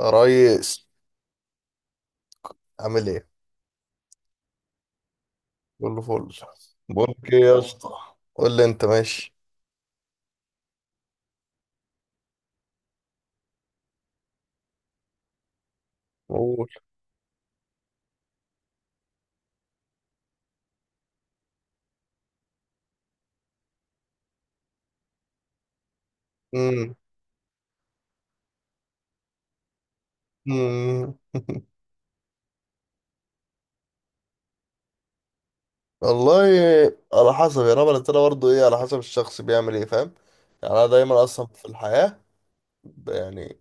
يا ريس، عامل ايه؟ كله فل. بقول لك ايه يا اسطى. قول لي انت ماشي. قول. مم. مم. والله، على حسب يا رب. انا بلتنا برضه ايه، على حسب الشخص بيعمل ايه، فاهم. يعني انا دايما اصلا في الحياة، يعني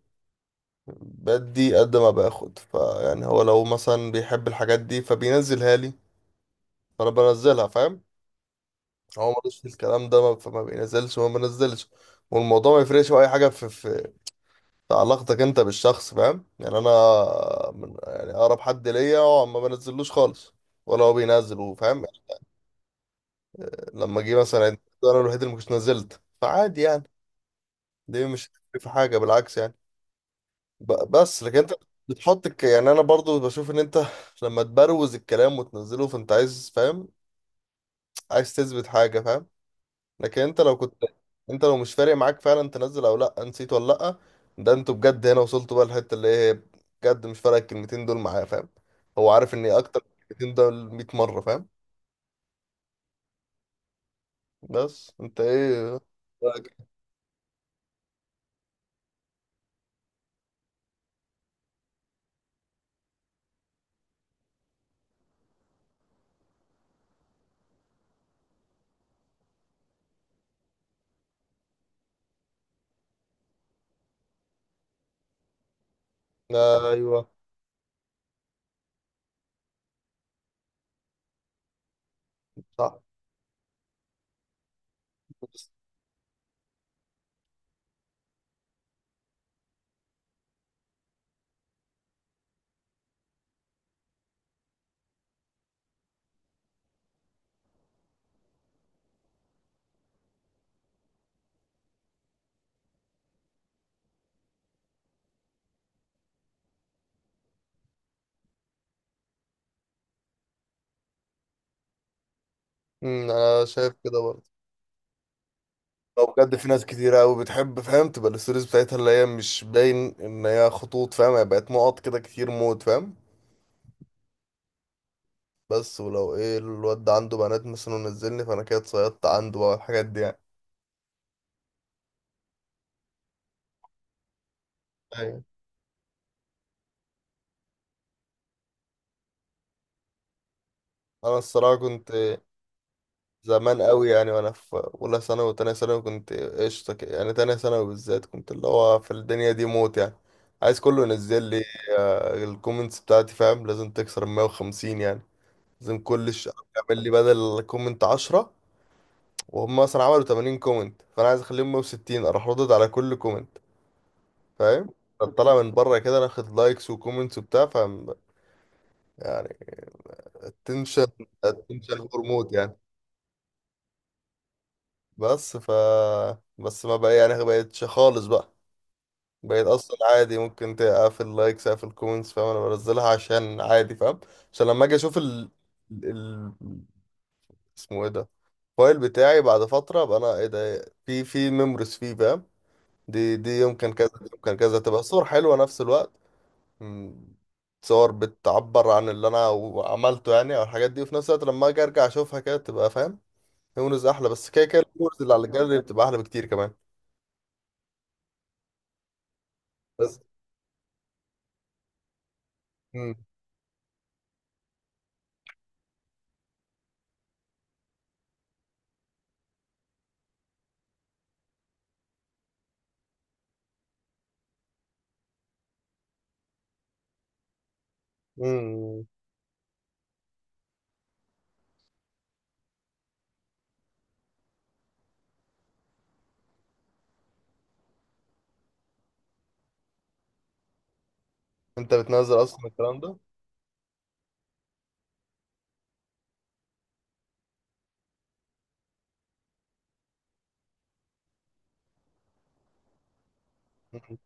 بدي قد ما باخد، فيعني هو لو مثلا بيحب الحاجات دي فبينزلها لي، فانا بنزلها، فاهم. هو ملوش في الكلام ده، فما بينزلش وما بنزلش. والموضوع ما يفرقش في اي حاجة في علاقتك انت بالشخص، فاهم. يعني انا من يعني اقرب حد ليا هو ما بنزلوش خالص ولا هو بينزل، وفاهم. لما جه مثلا انا الوحيد اللي مش نزلت، فعادي يعني. دي مش هتفرق في حاجه، بالعكس يعني. بس لكن انت بتحط يعني انا برضو بشوف ان انت لما تبروز الكلام وتنزله فانت عايز، فاهم، عايز تثبت حاجه، فاهم. لكن انت لو كنت، انت لو مش فارق معاك فعلا تنزل او لا نسيت ولا لا، ده انتوا بجد هنا وصلتوا بقى الحته اللي هي بجد مش فارق الكلمتين دول معاه، فاهم. هو عارف ان اكتر من الكلمتين دول 100 مره، فاهم. بس انت ايه رأيك؟ ايوه صح. انا شايف كده برضه. لو بجد في ناس كتيرة قوي بتحب، فاهم، تبقى الستوريز بتاعتها اللي هي مش باين ان هي خطوط، فاهم، هي بقت نقط كده كتير موت، فاهم. بس ولو ايه، الواد ده عنده بنات مثلا ونزلني، فانا كده اتصيدت عنده بقى الحاجات دي يعني. ايوه. انا الصراحه كنت زمان قوي يعني، وانا في اولى ثانوي وتانية ثانوي كنت قشطه كده. يعني تانية ثانوي بالذات كنت اللي هو في الدنيا دي موت يعني، عايز كله ينزل لي. آه، الكومنتس بتاعتي فاهم لازم تكسر ال 150 يعني. لازم كل يعمل لي بدل كومنت 10، وهم مثلا عملوا 80 كومنت، فانا عايز اخليهم 160، اروح ردد على كل كومنت، فاهم. طلع من بره كده، ناخد لايكس وكومنتس وبتاع، فاهم يعني. التنشن. التنشن هرمون. بس ف بس ما بقى يعني بقتش خالص بقى. بقيت اصلا عادي، ممكن تقفل لايكس اقفل كومنتس، فاهم. انا بنزلها عشان عادي، فاهم، عشان لما اجي اشوف ال... اسمه ايه ده، الفايل بتاعي، بعد فتره ابقى انا ايه ده في ميموريز فيه، فاهم. دي يمكن كذا، دي يمكن كذا، تبقى صور حلوه نفس الوقت. مم، صور بتعبر عن اللي انا عملته يعني او الحاجات دي، وفي نفس الوقت لما اجي ارجع اشوفها كده تبقى، فاهم، ميموريز احلى. بس كده كده الميموريز اللي على الجاليري بتبقى احلى بكتير كمان. بس. مم. انت بتنزل اصلا الكلام ده. مم.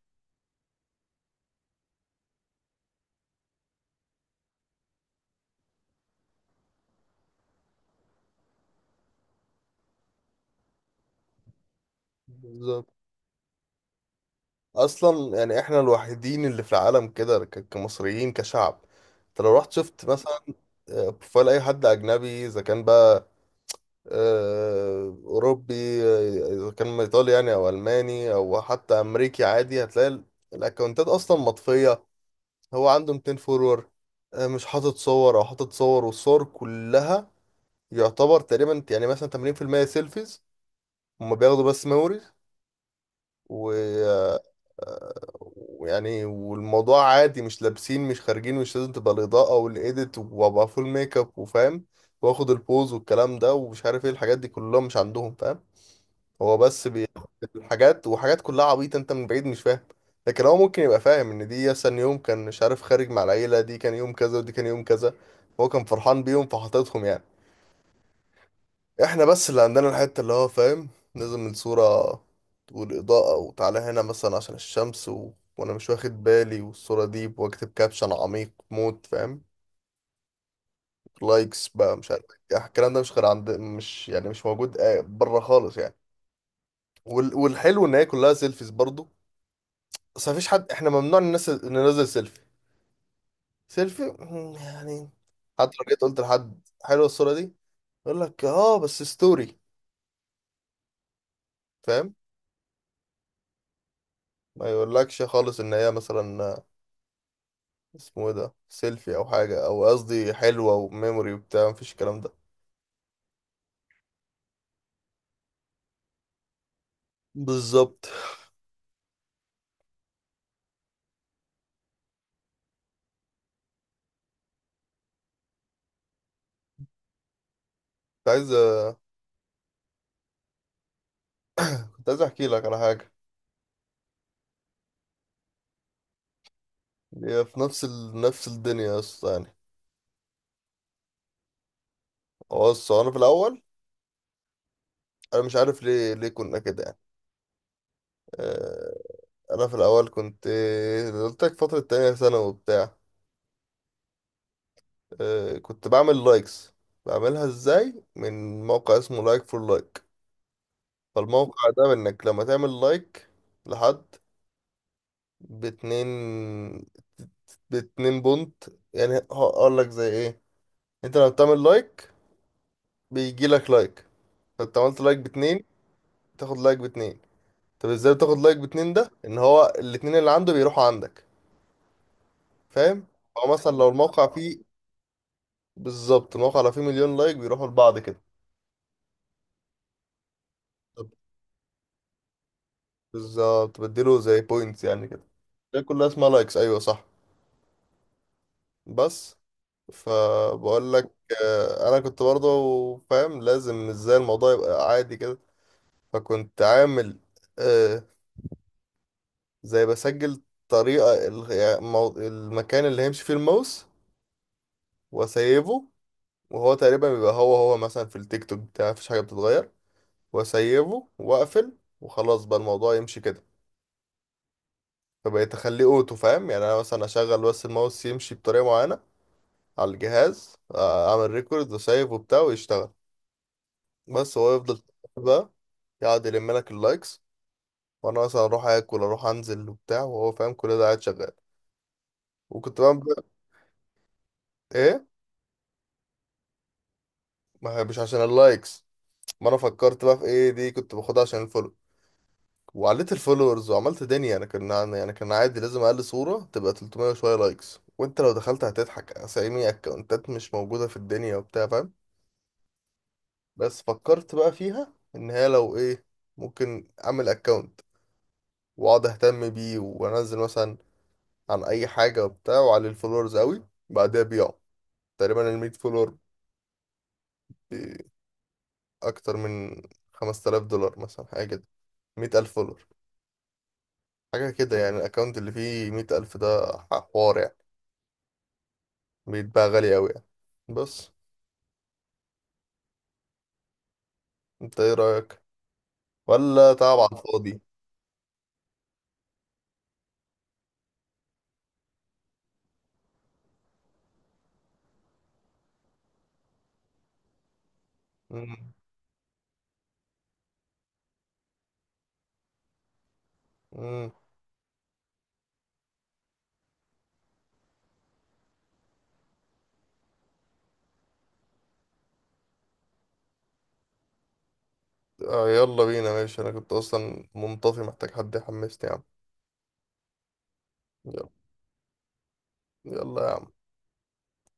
بالظبط. اصلا يعني احنا الوحيدين اللي في العالم كده، كمصريين كشعب. انت لو رحت شفت مثلا بروفايل اي حد اجنبي، اذا كان بقى اوروبي، اذا كان ايطالي يعني او الماني او حتى امريكي، عادي هتلاقي الاكونتات اصلا مطفيه. هو عنده 200 فولور، مش حاطط صور او حاطط صور، والصور كلها يعتبر تقريبا يعني مثلا 80% سيلفيز. هما بياخدوا بس ميموري و آه، ويعني، والموضوع عادي، مش لابسين، مش خارجين، مش لازم تبقى الإضاءة والإيديت وأبقى فول ميك اب وفاهم وآخد البوز والكلام ده ومش عارف إيه، الحاجات دي كلها مش عندهم، فاهم. هو بس بياخد الحاجات، وحاجات كلها عبيطة أنت من بعيد مش فاهم، لكن هو ممكن يبقى فاهم إن دي مثلا يوم كان مش عارف خارج مع العيلة، دي كان يوم كذا ودي كان يوم كذا. هو كان فرحان بيهم فحاططهم يعني. احنا بس اللي عندنا الحتة اللي هو فاهم لازم الصورة والإضاءة، وتعالى هنا مثلا عشان الشمس و... وأنا مش واخد بالي، والصورة دي وأكتب كابشن عميق موت، فاهم، لايكس بقى مش عارف إيه. يعني الكلام ده مش غير عند، مش يعني مش موجود بره خالص يعني. وال... والحلو إن هي كلها سيلفيز برضو. بس مفيش حد، احنا ممنوع الناس ننزل سيلفي. سيلفي، مم، يعني حتى لو جيت قلت لحد حلوة الصورة دي، يقول لك اه بس ستوري، فاهم. ما يقولكش خالص ان هي مثلا اسمه ايه ده سيلفي او حاجه، او قصدي حلوه وميموري وبتاع، مفيش الكلام ده. بالظبط. كنت عايز، كنت عايز احكي لك على حاجه، هي في نفس ال... نفس الدنيا يا اسطى يعني. هو بص، هو انا في الاول، انا مش عارف ليه كنا كده يعني. آه، انا في الاول كنت، آه، قلت لك فتره تانية ثانوي وبتاع. آه، كنت بعمل لايكس، بعملها ازاي من موقع اسمه لايك فور لايك. فالموقع ده انك لما تعمل لايك لحد باتنين، باتنين بونت. يعني هقول لك زي ايه، انت لما بتعمل لايك بيجي لك لايك. فانت عملت لايك باتنين تاخد لايك باتنين. طب ازاي بتاخد لايك باتنين؟ ده ان هو الاتنين اللي عنده بيروحوا عندك، فاهم. او مثلا لو الموقع فيه، بالظبط الموقع لو فيه مليون لايك بيروحوا لبعض كده. طب بالظبط بديله زي بوينتس يعني كده. ده كلها اسمها لايكس، ايوه صح. بس فبقول لك انا كنت برضه فاهم لازم ازاي الموضوع يبقى عادي كده. فكنت عامل آه زي بسجل طريقة يعني المكان اللي هيمشي فيه الماوس، واسيبه. وهو تقريبا بيبقى هو هو مثلا في التيك توك بتاعي مفيش حاجة بتتغير. واسيبه واقفل وخلاص بقى الموضوع يمشي كده. فبقيت اخليه اوتو، فاهم. يعني انا مثلا اشغل بس الماوس يمشي بطريقة معينة على الجهاز، اعمل ريكورد وسيف وبتاع ويشتغل. بس هو يفضل بقى يقعد يلم لك اللايكس، وانا مثلا اروح اكل اروح انزل وبتاع وهو فاهم كل ده قاعد شغال. وكنت بقى. ايه. ما هي مش عشان اللايكس. ما انا فكرت بقى في ايه، دي كنت باخدها عشان الفولو. وعليت الفولورز وعملت دنيا، انا كان يعني كان عادي لازم اقل صورة تبقى 300 وشوية لايكس. وانت لو دخلت هتضحك، اسامي اكونتات مش موجودة في الدنيا وبتاع، فاهم. بس فكرت بقى فيها ان هي لو ايه، ممكن اعمل اكونت واقعد اهتم بيه وانزل مثلا عن اي حاجة وبتاع، وعلي الفولورز قوي، بعدها بيعه. تقريبا ال 100 فولور، ب- اكتر من 5000 دولار مثلا، حاجة كده. 100000 فولور حاجة كده يعني. الأكونت اللي فيه 100000 ده حوار يعني، بيتباع غالي أوي يعني. بس أنت إيه رأيك؟ ولا تعب على الفاضي؟ مم. مم. آه، يلا بينا ماشي. أنا كنت أصلا منطفي محتاج حد يحمسني يا عم. يلا. يلا يا عم.